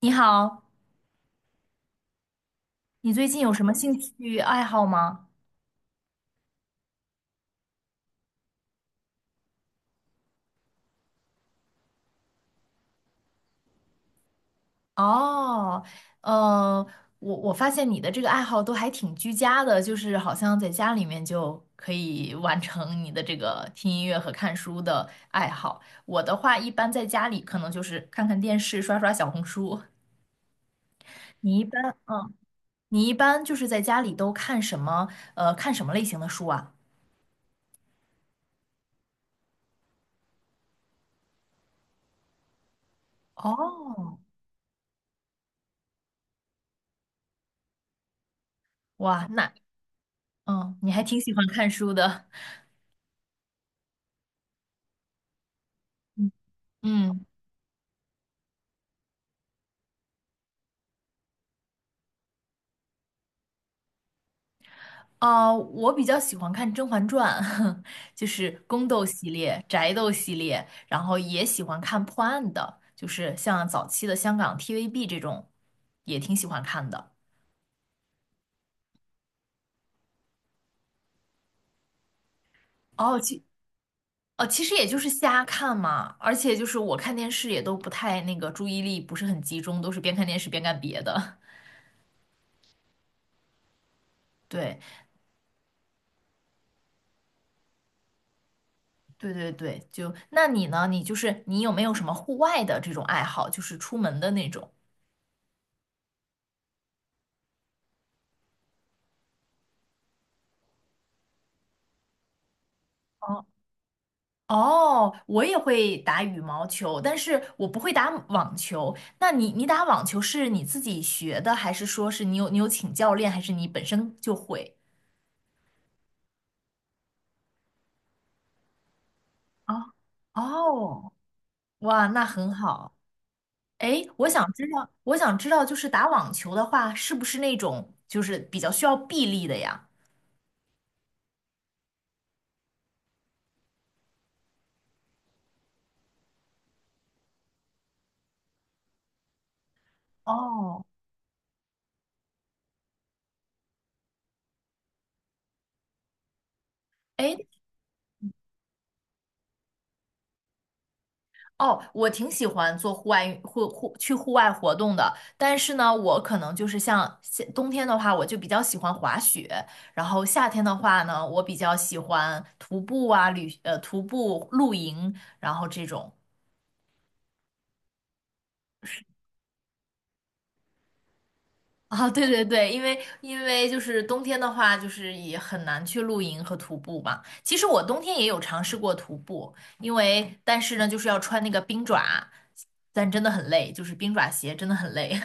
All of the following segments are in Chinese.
你好，你最近有什么兴趣爱好吗？哦，呃，我发现你的这个爱好都还挺居家的，就是好像在家里面就可以完成你的这个听音乐和看书的爱好。我的话，一般在家里可能就是看看电视、刷刷小红书。你一般，你一般就是在家里都看什么？看什么类型的书啊？哦，哇，嗯，你还挺喜欢看书的。嗯。嗯啊，我比较喜欢看《甄嬛传》，就是宫斗系列、宅斗系列，然后也喜欢看破案的，就是像早期的香港 TVB 这种，也挺喜欢看的。哦，其哦，其实也就是瞎看嘛，而且就是我看电视也都不太那个注意力不是很集中，都是边看电视边干别的。对，对对对，就那你呢？你就是你有没有什么户外的这种爱好，就是出门的那种？哦。哦，我也会打羽毛球，但是我不会打网球。那你打网球是你自己学的，还是说是你有请教练，还是你本身就会？啊，哦，哇，那很好。哎，我想知道，就是打网球的话，是不是那种就是比较需要臂力的呀？哦，哎，哦，我挺喜欢做户外运户户去户外活动的，但是呢，我可能就是像夏冬天的话，我就比较喜欢滑雪，然后夏天的话呢，我比较喜欢徒步啊，徒步露营，然后这种。啊，对对对，因为就是冬天的话，就是也很难去露营和徒步嘛。其实我冬天也有尝试过徒步，但是呢，就是要穿那个冰爪，但真的很累，就是冰爪鞋真的很累。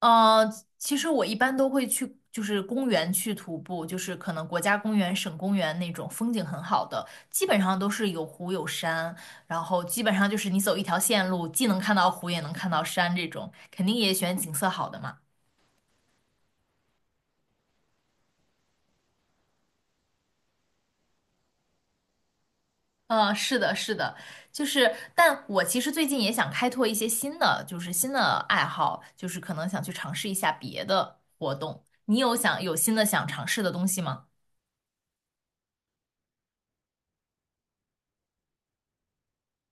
呃，其实我一般都会去，就是公园去徒步，就是可能国家公园、省公园那种风景很好的，基本上都是有湖有山，然后基本上就是你走一条线路，既能看到湖，也能看到山，这种肯定也选景色好的嘛。是的，是的，就是，但我其实最近也想开拓一些新的，就是新的爱好，就是可能想去尝试一下别的活动。你有想有新的想尝试的东西吗？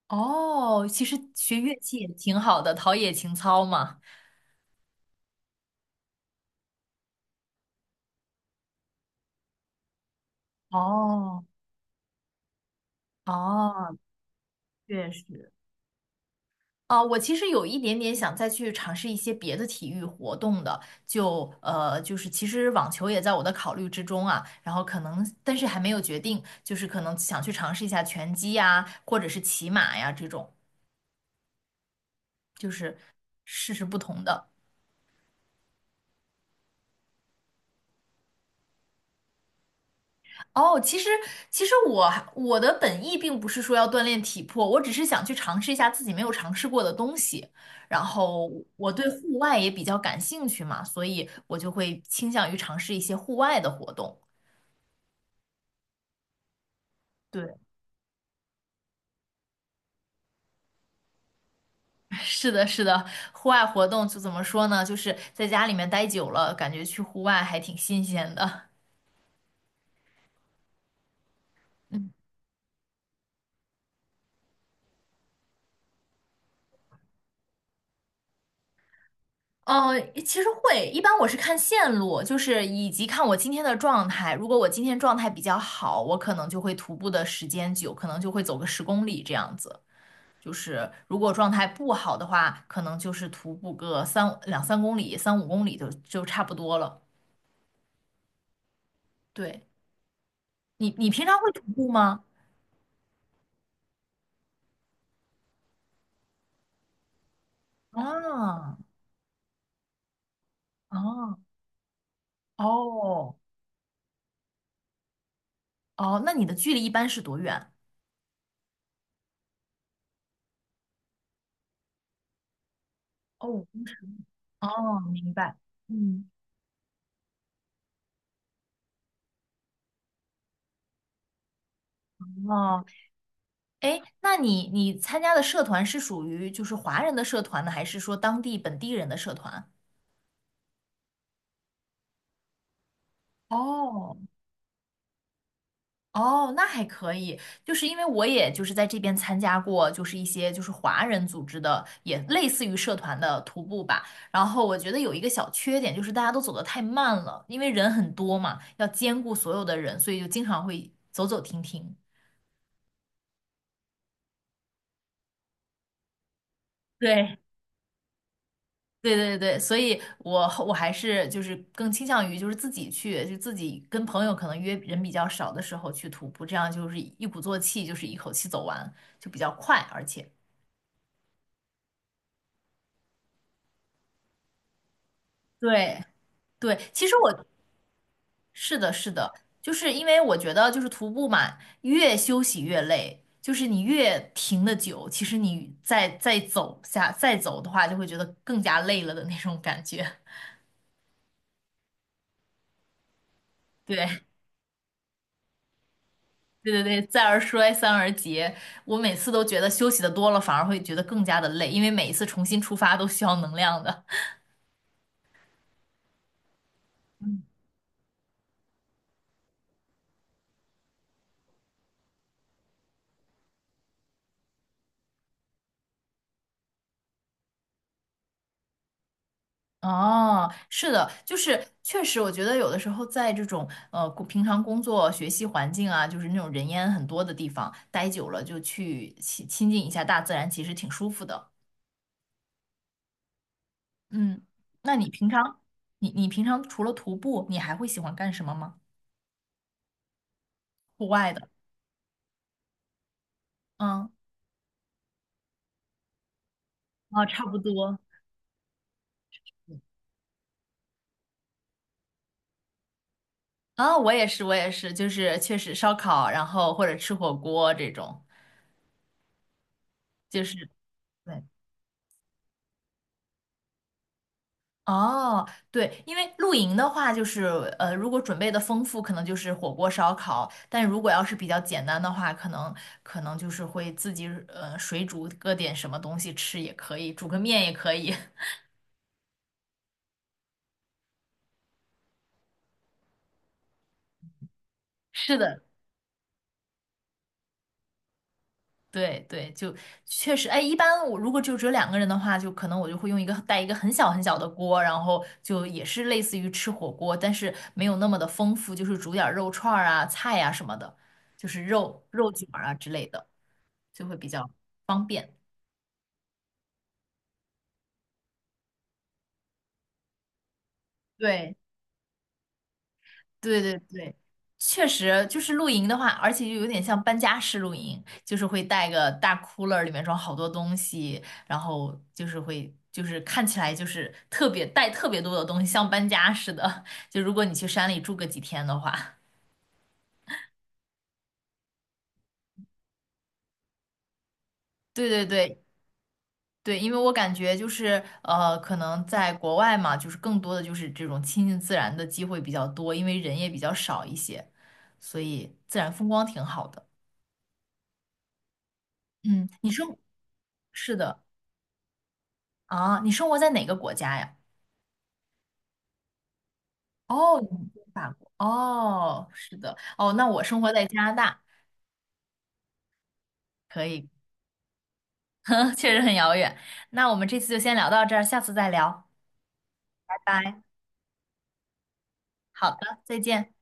哦，其实学乐器也挺好的，陶冶情操嘛。哦哦，确实。啊，我其实有一点点想再去尝试一些别的体育活动的，就是其实网球也在我的考虑之中啊，然后可能，但是还没有决定，就是可能想去尝试一下拳击呀，或者是骑马呀这种，就是试试不同的。哦，其实我的本意并不是说要锻炼体魄，我只是想去尝试一下自己没有尝试过的东西。然后我对户外也比较感兴趣嘛，所以我就会倾向于尝试一些户外的活动。对，是的，是的，户外活动就怎么说呢？就是在家里面待久了，感觉去户外还挺新鲜的。嗯。其实会，一般我是看线路，就是以及看我今天的状态。如果我今天状态比较好，我可能就会徒步的时间久，可能就会走个10公里这样子。就是如果状态不好的话，可能就是徒步个两三公里、三五公里就差不多了。对，你平常会徒步吗？啊啊，哦哦，那你的距离一般是多远？哦哦，明白。嗯。哦。哎，那你参加的社团是属于就是华人的社团呢，还是说当地本地人的社团？哦，哦，那还可以，就是因为我也就是在这边参加过，就是一些就是华人组织的，也类似于社团的徒步吧。然后我觉得有一个小缺点就是大家都走得太慢了，因为人很多嘛，要兼顾所有的人，所以就经常会走走停停。对，对对对，所以我还是就是更倾向于就是自己去，就自己跟朋友可能约人比较少的时候去徒步，这样就是一鼓作气，就是一口气走完，就比较快，而且对对，其实我是的，是的，就是因为我觉得就是徒步嘛，越休息越累，就是你越停的久，其实你再再走的话，就会觉得更加累了的那种感觉。对，对对对，再而衰，三而竭。我每次都觉得休息的多了，反而会觉得更加的累，因为每一次重新出发都需要能量的。哦，是的，就是确实，我觉得有的时候在这种平常工作、学习环境啊，就是那种人烟很多的地方待久了，就去亲近一下大自然，其实挺舒服的。嗯，那你平常除了徒步，你还会喜欢干什么吗？户外的，嗯，啊，差不多。啊，我也是，我也是，就是确实烧烤，然后或者吃火锅这种，就是对。哦，对，因为露营的话，就是如果准备的丰富，可能就是火锅、烧烤；但如果要是比较简单的话，可能就是会自己水煮搁点什么东西吃也可以，煮个面也可以。是的，对对，就确实，哎，一般我如果就只有两个人的话，就可能我就会用一个带一个很小很小的锅，然后就也是类似于吃火锅，但是没有那么的丰富，就是煮点儿肉串儿啊、菜呀、什么的，就是肉肉卷儿啊之类的，就会比较方便，对。对对对，确实就是露营的话，而且又有点像搬家式露营，就是会带个大 cooler，里面装好多东西，然后就是会就是看起来就是特别带特别多的东西，像搬家似的。就如果你去山里住个几天的话，对对对。对，因为我感觉就是可能在国外嘛，就是更多的就是这种亲近自然的机会比较多，因为人也比较少一些，所以自然风光挺好的。嗯，你说是的。啊，你生活在哪个国家呀？哦，你在法国。哦，是的。哦，那我生活在加拿大，可以，确实很遥远。那我们这次就先聊到这儿，下次再聊，拜拜。好的，再见。